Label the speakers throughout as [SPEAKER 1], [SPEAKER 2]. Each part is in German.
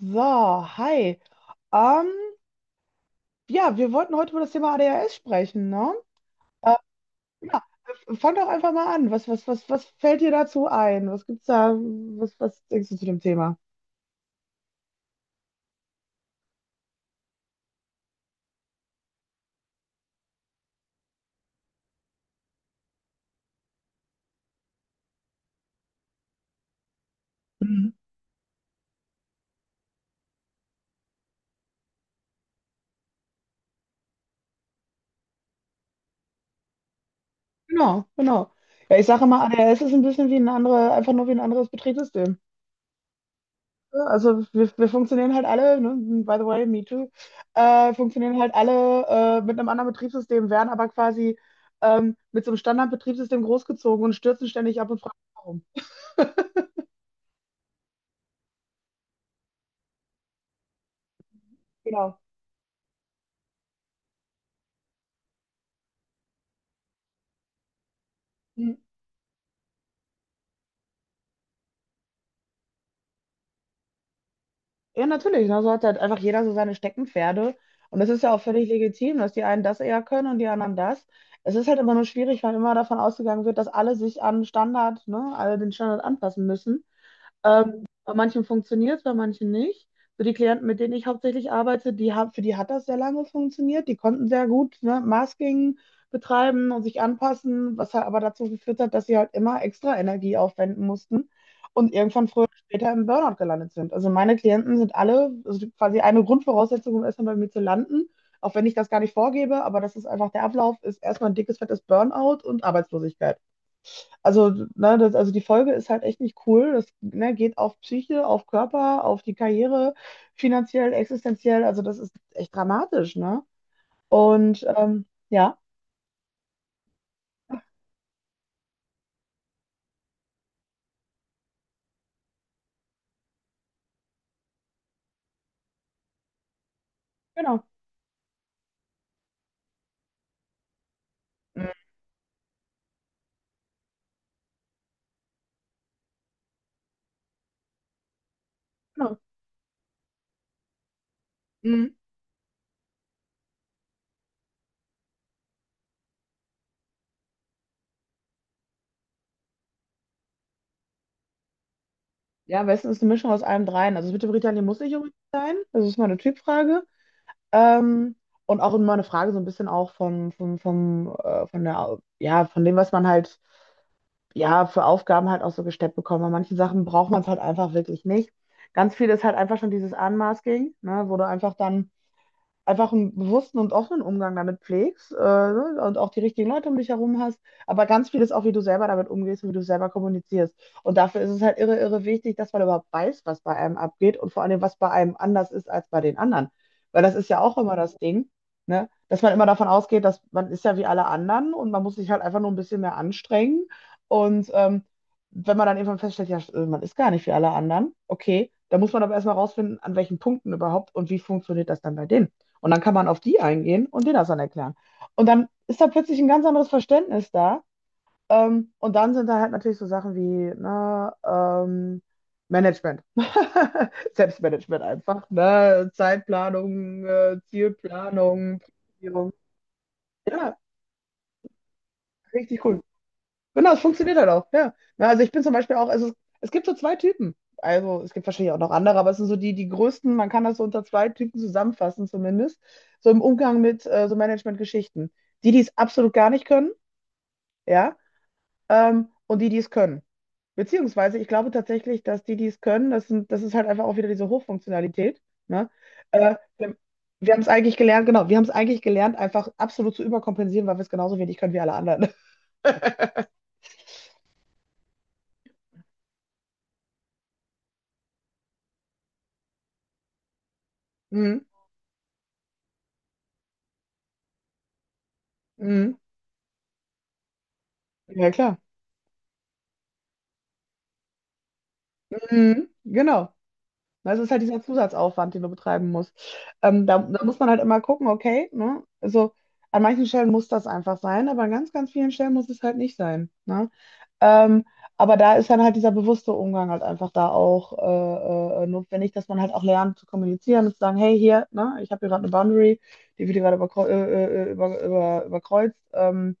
[SPEAKER 1] So, hi. Ähm, ja, wir wollten heute über das Thema ADHS sprechen, ne? Äh, ja, fang doch einfach mal an. Was fällt dir dazu ein? Was gibt's da? Was denkst du zu dem Thema? Mhm. Genau, genau. Ja, ich sage immer, ADHS ist ein bisschen einfach nur wie ein anderes Betriebssystem. Ja, also wir funktionieren halt alle, ne? By the way, me too, funktionieren halt alle mit einem anderen Betriebssystem, werden aber quasi mit so einem Standardbetriebssystem großgezogen und stürzen ständig ab und fragen, warum. Genau. Hm. Ja, natürlich. Ne? So hat halt einfach jeder so seine Steckenpferde. Und das ist ja auch völlig legitim, dass die einen das eher können und die anderen das. Es ist halt immer nur schwierig, weil immer davon ausgegangen wird, dass alle sich an Standard, ne, alle den Standard anpassen müssen. Bei manchen funktioniert es, bei manchen nicht. So die Klienten, mit denen ich hauptsächlich arbeite, die haben, für die hat das sehr lange funktioniert. Die konnten sehr gut, ne, Masking betreiben und sich anpassen, was halt aber dazu geführt hat, dass sie halt immer extra Energie aufwenden mussten und irgendwann früher oder später im Burnout gelandet sind. Also meine Klienten sind alle, also quasi eine Grundvoraussetzung, um erstmal bei mir zu landen, auch wenn ich das gar nicht vorgebe, aber das ist einfach der Ablauf, ist erstmal ein dickes, fettes Burnout und Arbeitslosigkeit. Also, ne, also die Folge ist halt echt nicht cool. Das, ne, geht auf Psyche, auf Körper, auf die Karriere, finanziell, existenziell. Also das ist echt dramatisch, ne? Und ja, genau. Mhm. Genau. Mhm. Ja, am besten ist eine Mischung aus allem dreien. Also das mit dem Ritalin muss nicht unbedingt sein. Das ist mal eine Typfrage. Ähm, und auch immer eine Frage so ein bisschen auch von der, ja, von dem, was man halt ja, für Aufgaben halt auch so gesteppt bekommen. Bei manchen Sachen braucht man es halt einfach wirklich nicht. Ganz viel ist halt einfach schon dieses Unmasking, ne, wo du einfach dann einfach einen bewussten und offenen Umgang damit pflegst, ne, und auch die richtigen Leute um dich herum hast, aber ganz viel ist auch, wie du selber damit umgehst und wie du selber kommunizierst. Und dafür ist es halt irre, irre wichtig, dass man überhaupt weiß, was bei einem abgeht und vor allem, was bei einem anders ist als bei den anderen. Weil das ist ja auch immer das Ding, ne? Dass man immer davon ausgeht, dass man ist ja wie alle anderen und man muss sich halt einfach nur ein bisschen mehr anstrengen. Und wenn man dann irgendwann feststellt, ja, man ist gar nicht wie alle anderen, okay, dann muss man aber erstmal rausfinden, an welchen Punkten überhaupt und wie funktioniert das dann bei denen. Und dann kann man auf die eingehen und denen das dann erklären. Und dann ist da plötzlich ein ganz anderes Verständnis da. Und dann sind da halt natürlich so Sachen wie, na Management. Selbstmanagement einfach, ne? Zeitplanung, Zielplanung, Priorisierung. Ja, richtig cool. Genau, es funktioniert halt auch, ja. Na, also ich bin zum Beispiel auch, also es gibt so zwei Typen. Also es gibt wahrscheinlich auch noch andere, aber es sind so die größten, man kann das so unter zwei Typen zusammenfassen zumindest, so im Umgang mit so Management-Geschichten. Die, die es absolut gar nicht können, ja, und die, die es können. Beziehungsweise, ich glaube tatsächlich, dass die, die es können, das ist halt einfach auch wieder diese Hochfunktionalität, ne? Äh, wir wir haben es eigentlich gelernt, genau, wir haben es eigentlich gelernt, einfach absolut zu überkompensieren, weil wir es genauso wenig können wie alle anderen. Mhm. Mhm. Ja, klar. Mhm, genau. Ne, es ist halt dieser Zusatzaufwand, den du betreiben musst. Da muss man halt immer gucken, okay, ne? Also an manchen Stellen muss das einfach sein, aber an ganz, ganz vielen Stellen muss es halt nicht sein. Ne? Ähm, aber da ist dann halt dieser bewusste Umgang halt einfach da auch notwendig, dass man halt auch lernt zu kommunizieren und zu sagen, hey, hier, ne, ich habe hier gerade eine Boundary, die wird hier gerade überkreuzt. Ähm,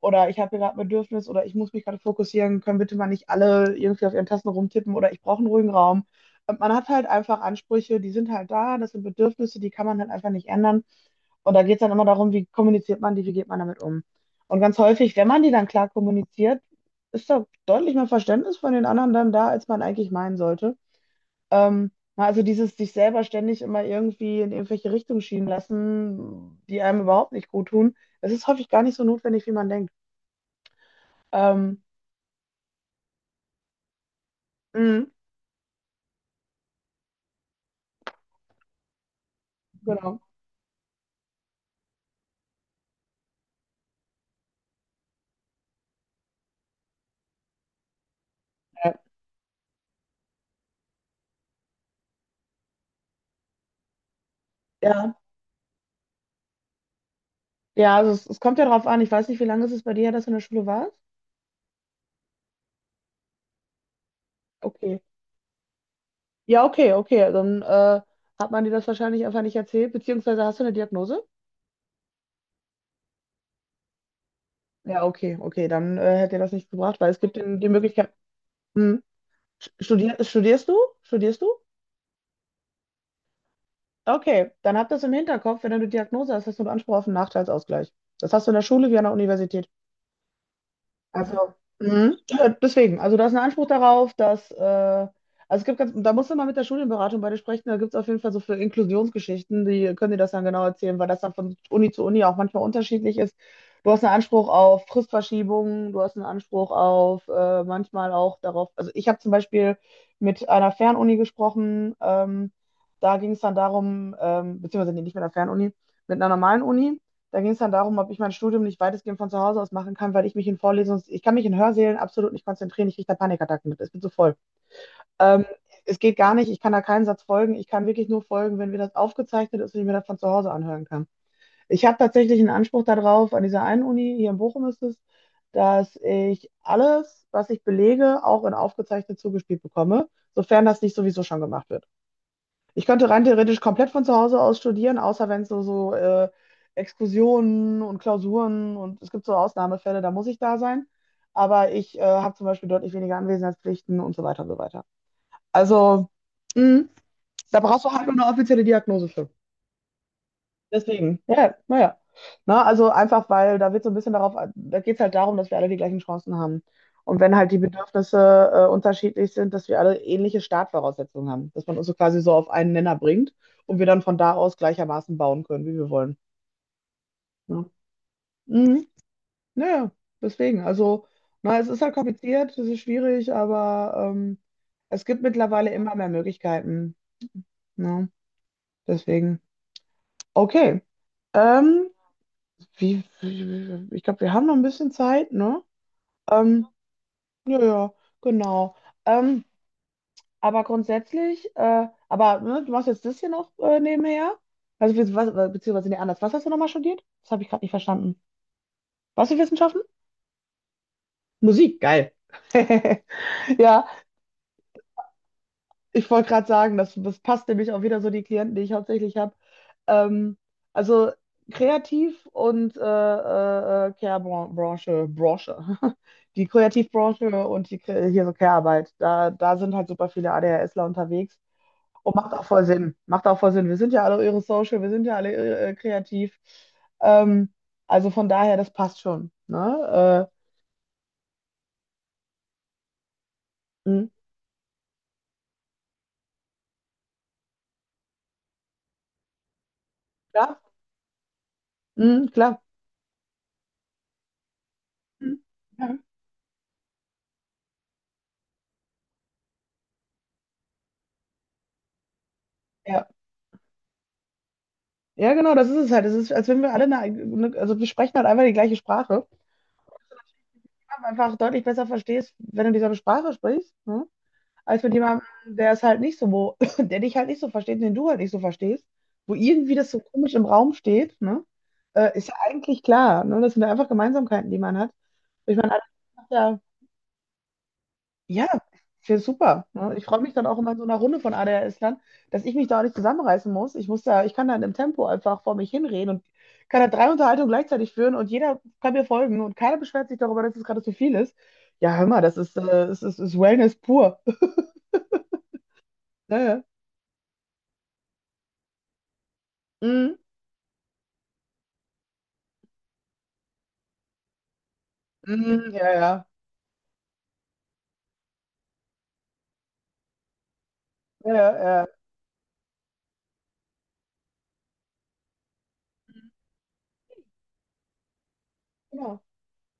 [SPEAKER 1] oder ich habe hier gerade ein Bedürfnis oder ich muss mich gerade fokussieren, können bitte mal nicht alle irgendwie auf ihren Tasten rumtippen oder ich brauche einen ruhigen Raum. Man hat halt einfach Ansprüche, die sind halt da, das sind Bedürfnisse, die kann man halt einfach nicht ändern. Und da geht es dann immer darum, wie kommuniziert man die, wie geht man damit um. Und ganz häufig, wenn man die dann klar kommuniziert, ist da deutlich mehr Verständnis von den anderen dann da, als man eigentlich meinen sollte. Ähm, na, also dieses sich selber ständig immer irgendwie in irgendwelche Richtungen schieben lassen, die einem überhaupt nicht gut tun, das ist häufig gar nicht so notwendig, wie man denkt. Ähm, mh, genau. Ja, ja, ja, also es kommt ja drauf an. Ich weiß nicht, wie lange ist es bei dir her, dass du in der Schule warst? Okay. Ja, okay, okay. Dann hat man dir das wahrscheinlich einfach nicht erzählt, beziehungsweise hast du eine Diagnose? Ja, okay, okay. Dann hätte dir das nichts gebracht, weil es gibt den, die Möglichkeit. Hm. Studierst du? Studierst du? Okay, dann habt das im Hinterkopf, wenn du eine Diagnose hast, hast du einen Anspruch auf einen Nachteilsausgleich. Das hast du in der Schule wie an der Universität. Also, mhm. Ja, deswegen, also da ist ein Anspruch darauf, dass, also da musst du mal mit der Studienberatung bei dir sprechen, da gibt es auf jeden Fall so für Inklusionsgeschichten, die können dir das dann genau erzählen, weil das dann von Uni zu Uni auch manchmal unterschiedlich ist. Du hast einen Anspruch auf Fristverschiebungen, du hast einen Anspruch auf manchmal auch darauf, also ich habe zum Beispiel mit einer Fernuni gesprochen, da ging es dann darum, beziehungsweise nee, nicht mit einer Fernuni, mit einer normalen Uni da ging es dann darum, ob ich mein Studium nicht weitestgehend von zu Hause aus machen kann, weil ich mich in Vorlesungen, ich kann mich in Hörsälen absolut nicht konzentrieren, ich kriege da Panikattacken mit, ich bin so voll. Ähm, es geht gar nicht, ich kann da keinen Satz folgen, ich kann wirklich nur folgen, wenn mir das aufgezeichnet ist und ich mir das von zu Hause anhören kann. Ich habe tatsächlich einen Anspruch darauf, an dieser einen Uni, hier in Bochum ist es, dass ich alles, was ich belege, auch in aufgezeichnet zugespielt bekomme, sofern das nicht sowieso schon gemacht wird. Ich könnte rein theoretisch komplett von zu Hause aus studieren, außer wenn es Exkursionen und Klausuren und es gibt so Ausnahmefälle, da muss ich da sein. Aber ich habe zum Beispiel deutlich weniger Anwesenheitspflichten und so weiter und so weiter. Also, mh, da brauchst du halt nur eine offizielle Diagnose für. Deswegen, ja, naja. Na, also einfach, weil da wird so ein bisschen darauf, da geht es halt darum, dass wir alle die gleichen Chancen haben. Und wenn halt die Bedürfnisse unterschiedlich sind, dass wir alle ähnliche Startvoraussetzungen haben, dass man uns so quasi so auf einen Nenner bringt und wir dann von da aus gleichermaßen bauen können, wie wir wollen. Ne. Mhm. Naja, deswegen. Also, na, es ist halt kompliziert, es ist schwierig, aber es gibt mittlerweile immer mehr Möglichkeiten. Ne? Deswegen. Okay. Ähm, wie, ich glaube, wir haben noch ein bisschen Zeit, ne? Ähm, ja, ja, genau. Ähm, aber grundsätzlich, aber ne, du machst jetzt das hier noch nebenher? Also, beziehungsweise, nee, anders. Was hast du nochmal studiert? Das habe ich gerade nicht verstanden. Was für Wissenschaften? Musik, geil. Ja. Ich wollte gerade sagen, das, passt nämlich auch wieder so die Klienten, die ich hauptsächlich habe. Ähm, also Kreativ- und Care-Branche, Branche. Die Kreativbranche und hier so Care-Arbeit. Da sind halt super viele ADHSler unterwegs. Und macht auch voll Sinn. Macht auch voll Sinn. Wir sind ja alle irre social, wir sind ja alle irre, kreativ. Ähm, also von daher, das passt schon. Ne? Äh, mh, klar, klar. Mh, ja. Ja. Ja, genau, das ist es halt. Es ist, als wenn wir alle, also wir sprechen halt einfach die gleiche Sprache. Aber einfach deutlich besser verstehst, wenn du dieselbe Sprache sprichst, ne, als mit jemandem, der es halt nicht so, wo, der dich halt nicht so versteht, den du halt nicht so verstehst, wo irgendwie das so komisch im Raum steht, ne? Ist ja eigentlich klar, ne? Das sind ja einfach Gemeinsamkeiten, die man hat. Ich meine, alle, ja, wäre super. Ne? Ich freue mich dann auch immer in so einer Runde von ADHS-Lern, dass ich mich da auch nicht zusammenreißen muss. Ich muss da, ich kann da in dem Tempo einfach vor mich hinreden und kann da drei Unterhaltungen gleichzeitig führen und jeder kann mir folgen und keiner beschwert sich darüber, dass es gerade zu viel ist. Ja, hör mal, das ist, es ist, ist Wellness pur. Ja, ja. Mhm. Mhm. Ja, ja. Ja, ja, ja. Genau.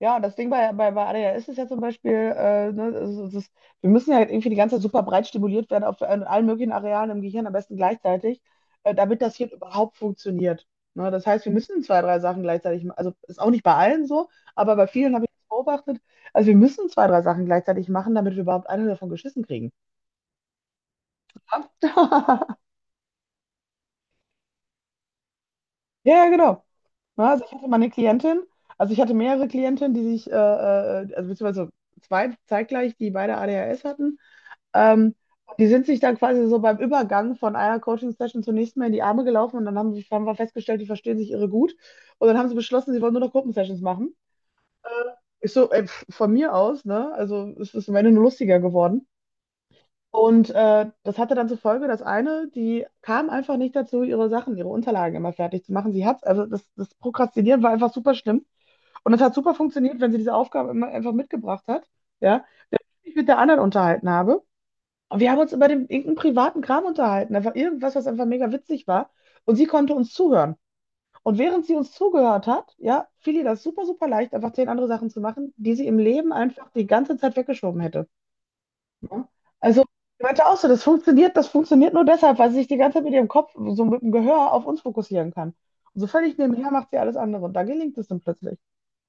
[SPEAKER 1] Ja, das Ding bei ADHS ist ja zum Beispiel, ne, es ist, wir müssen ja irgendwie die ganze Zeit super breit stimuliert werden auf an allen möglichen Arealen im Gehirn, am besten gleichzeitig, damit das Hirn überhaupt funktioniert. Ne, das heißt, wir müssen zwei, drei Sachen gleichzeitig machen. Also ist auch nicht bei allen so, aber bei vielen habe ich das beobachtet. Also wir müssen zwei, drei Sachen gleichzeitig machen, damit wir überhaupt eine davon geschissen kriegen. Ja, ja, ja, genau. Ne, also ich hatte mal eine Klientin, also ich hatte mehrere Klientinnen, die sich, also beziehungsweise zwei zeitgleich, die beide ADHS hatten. Ähm, Die sind sich dann quasi so beim Übergang von einer Coaching-Session zur nächsten mal in die Arme gelaufen und dann haben, haben wir festgestellt, die verstehen sich irre gut. Und dann haben sie beschlossen, sie wollen nur noch Gruppensessions machen. Ich so, ey, pf, von mir aus, ne? Also es ist am Ende nur lustiger geworden. Und das hatte dann zur Folge, dass eine, die kam einfach nicht dazu, ihre Sachen, ihre Unterlagen immer fertig zu machen. Sie hat, also das Prokrastinieren war einfach super schlimm. Und es hat super funktioniert, wenn sie diese Aufgabe immer einfach mitgebracht hat, ja, ich mit der anderen unterhalten habe. Und wir haben uns über den, irgendeinen privaten Kram unterhalten, einfach irgendwas, was einfach mega witzig war. Und sie konnte uns zuhören. Und während sie uns zugehört hat, ja, fiel ihr das super, super leicht, einfach 10 andere Sachen zu machen, die sie im Leben einfach die ganze Zeit weggeschoben hätte. Ne? Also, ich meinte auch so, das funktioniert nur deshalb, weil sie sich die ganze Zeit mit ihrem Kopf, so mit dem Gehör auf uns fokussieren kann. Und so völlig nebenher macht sie alles andere. Und da gelingt es dann plötzlich.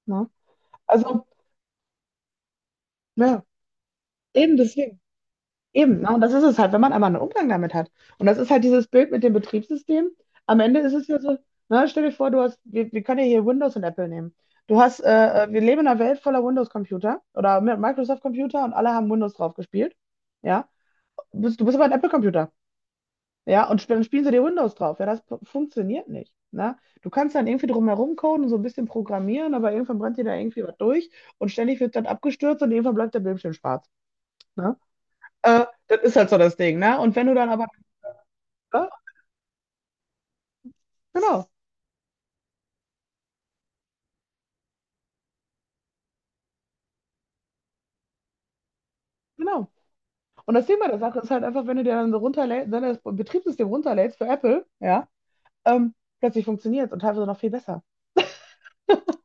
[SPEAKER 1] Ne? Also, ja, eben deswegen. Eben, ne? Und das ist es halt, wenn man einmal einen Umgang damit hat. Und das ist halt dieses Bild mit dem Betriebssystem. Am Ende ist es ja so, ne, stell dir vor, du hast, wir können ja hier Windows und Apple nehmen. Du hast, wir leben in einer Welt voller Windows-Computer oder Microsoft-Computer und alle haben Windows drauf gespielt. Ja, du bist aber ein Apple-Computer. Ja, und dann spielen sie dir Windows drauf. Ja, das funktioniert nicht. Ne? Du kannst dann irgendwie drumherum coden und so ein bisschen programmieren, aber irgendwann brennt dir da irgendwie was durch und ständig wird dann abgestürzt und irgendwann bleibt der Bildschirm schwarz. Ne? Das ist halt so das Ding, ne? Und wenn du dann aber, ja, genau, genau. Und das Ding bei der Sache ist halt einfach, wenn du dir dann so runterlädst, dann das Betriebssystem runterlädst für Apple, ja, ähm, plötzlich funktioniert und teilweise noch viel besser.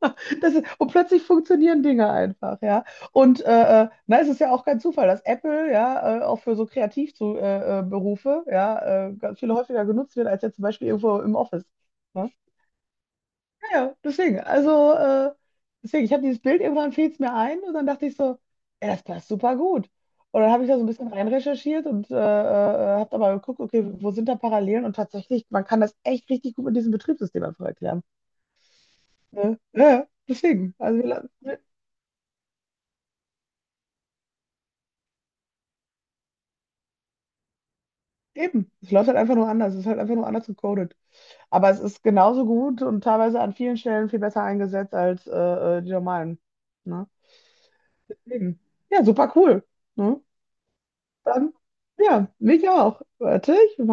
[SPEAKER 1] Das ist, und plötzlich funktionieren Dinge einfach, ja. Und na, es ist ja auch kein Zufall, dass Apple ja auch für so Kreativberufe Berufe, ja ganz viel häufiger genutzt wird als jetzt zum Beispiel irgendwo im Office. Ne? Ja, deswegen, also, deswegen, ich habe dieses Bild, irgendwann fiel es mir ein und dann dachte ich so, ja, das passt super gut. Und dann habe ich da so ein bisschen rein recherchiert und habe aber geguckt, okay, wo sind da Parallelen? Und tatsächlich, man kann das echt richtig gut mit diesem Betriebssystem einfach erklären. Ne? Ja, deswegen, also wir, wir, eben, es läuft halt einfach nur anders, es ist halt einfach nur anders gecodet. Aber es ist genauso gut und teilweise an vielen Stellen viel besser eingesetzt als die normalen. Ne? Deswegen, ja, super cool. Ne? Dann, ja, mich auch. Warte, ich mach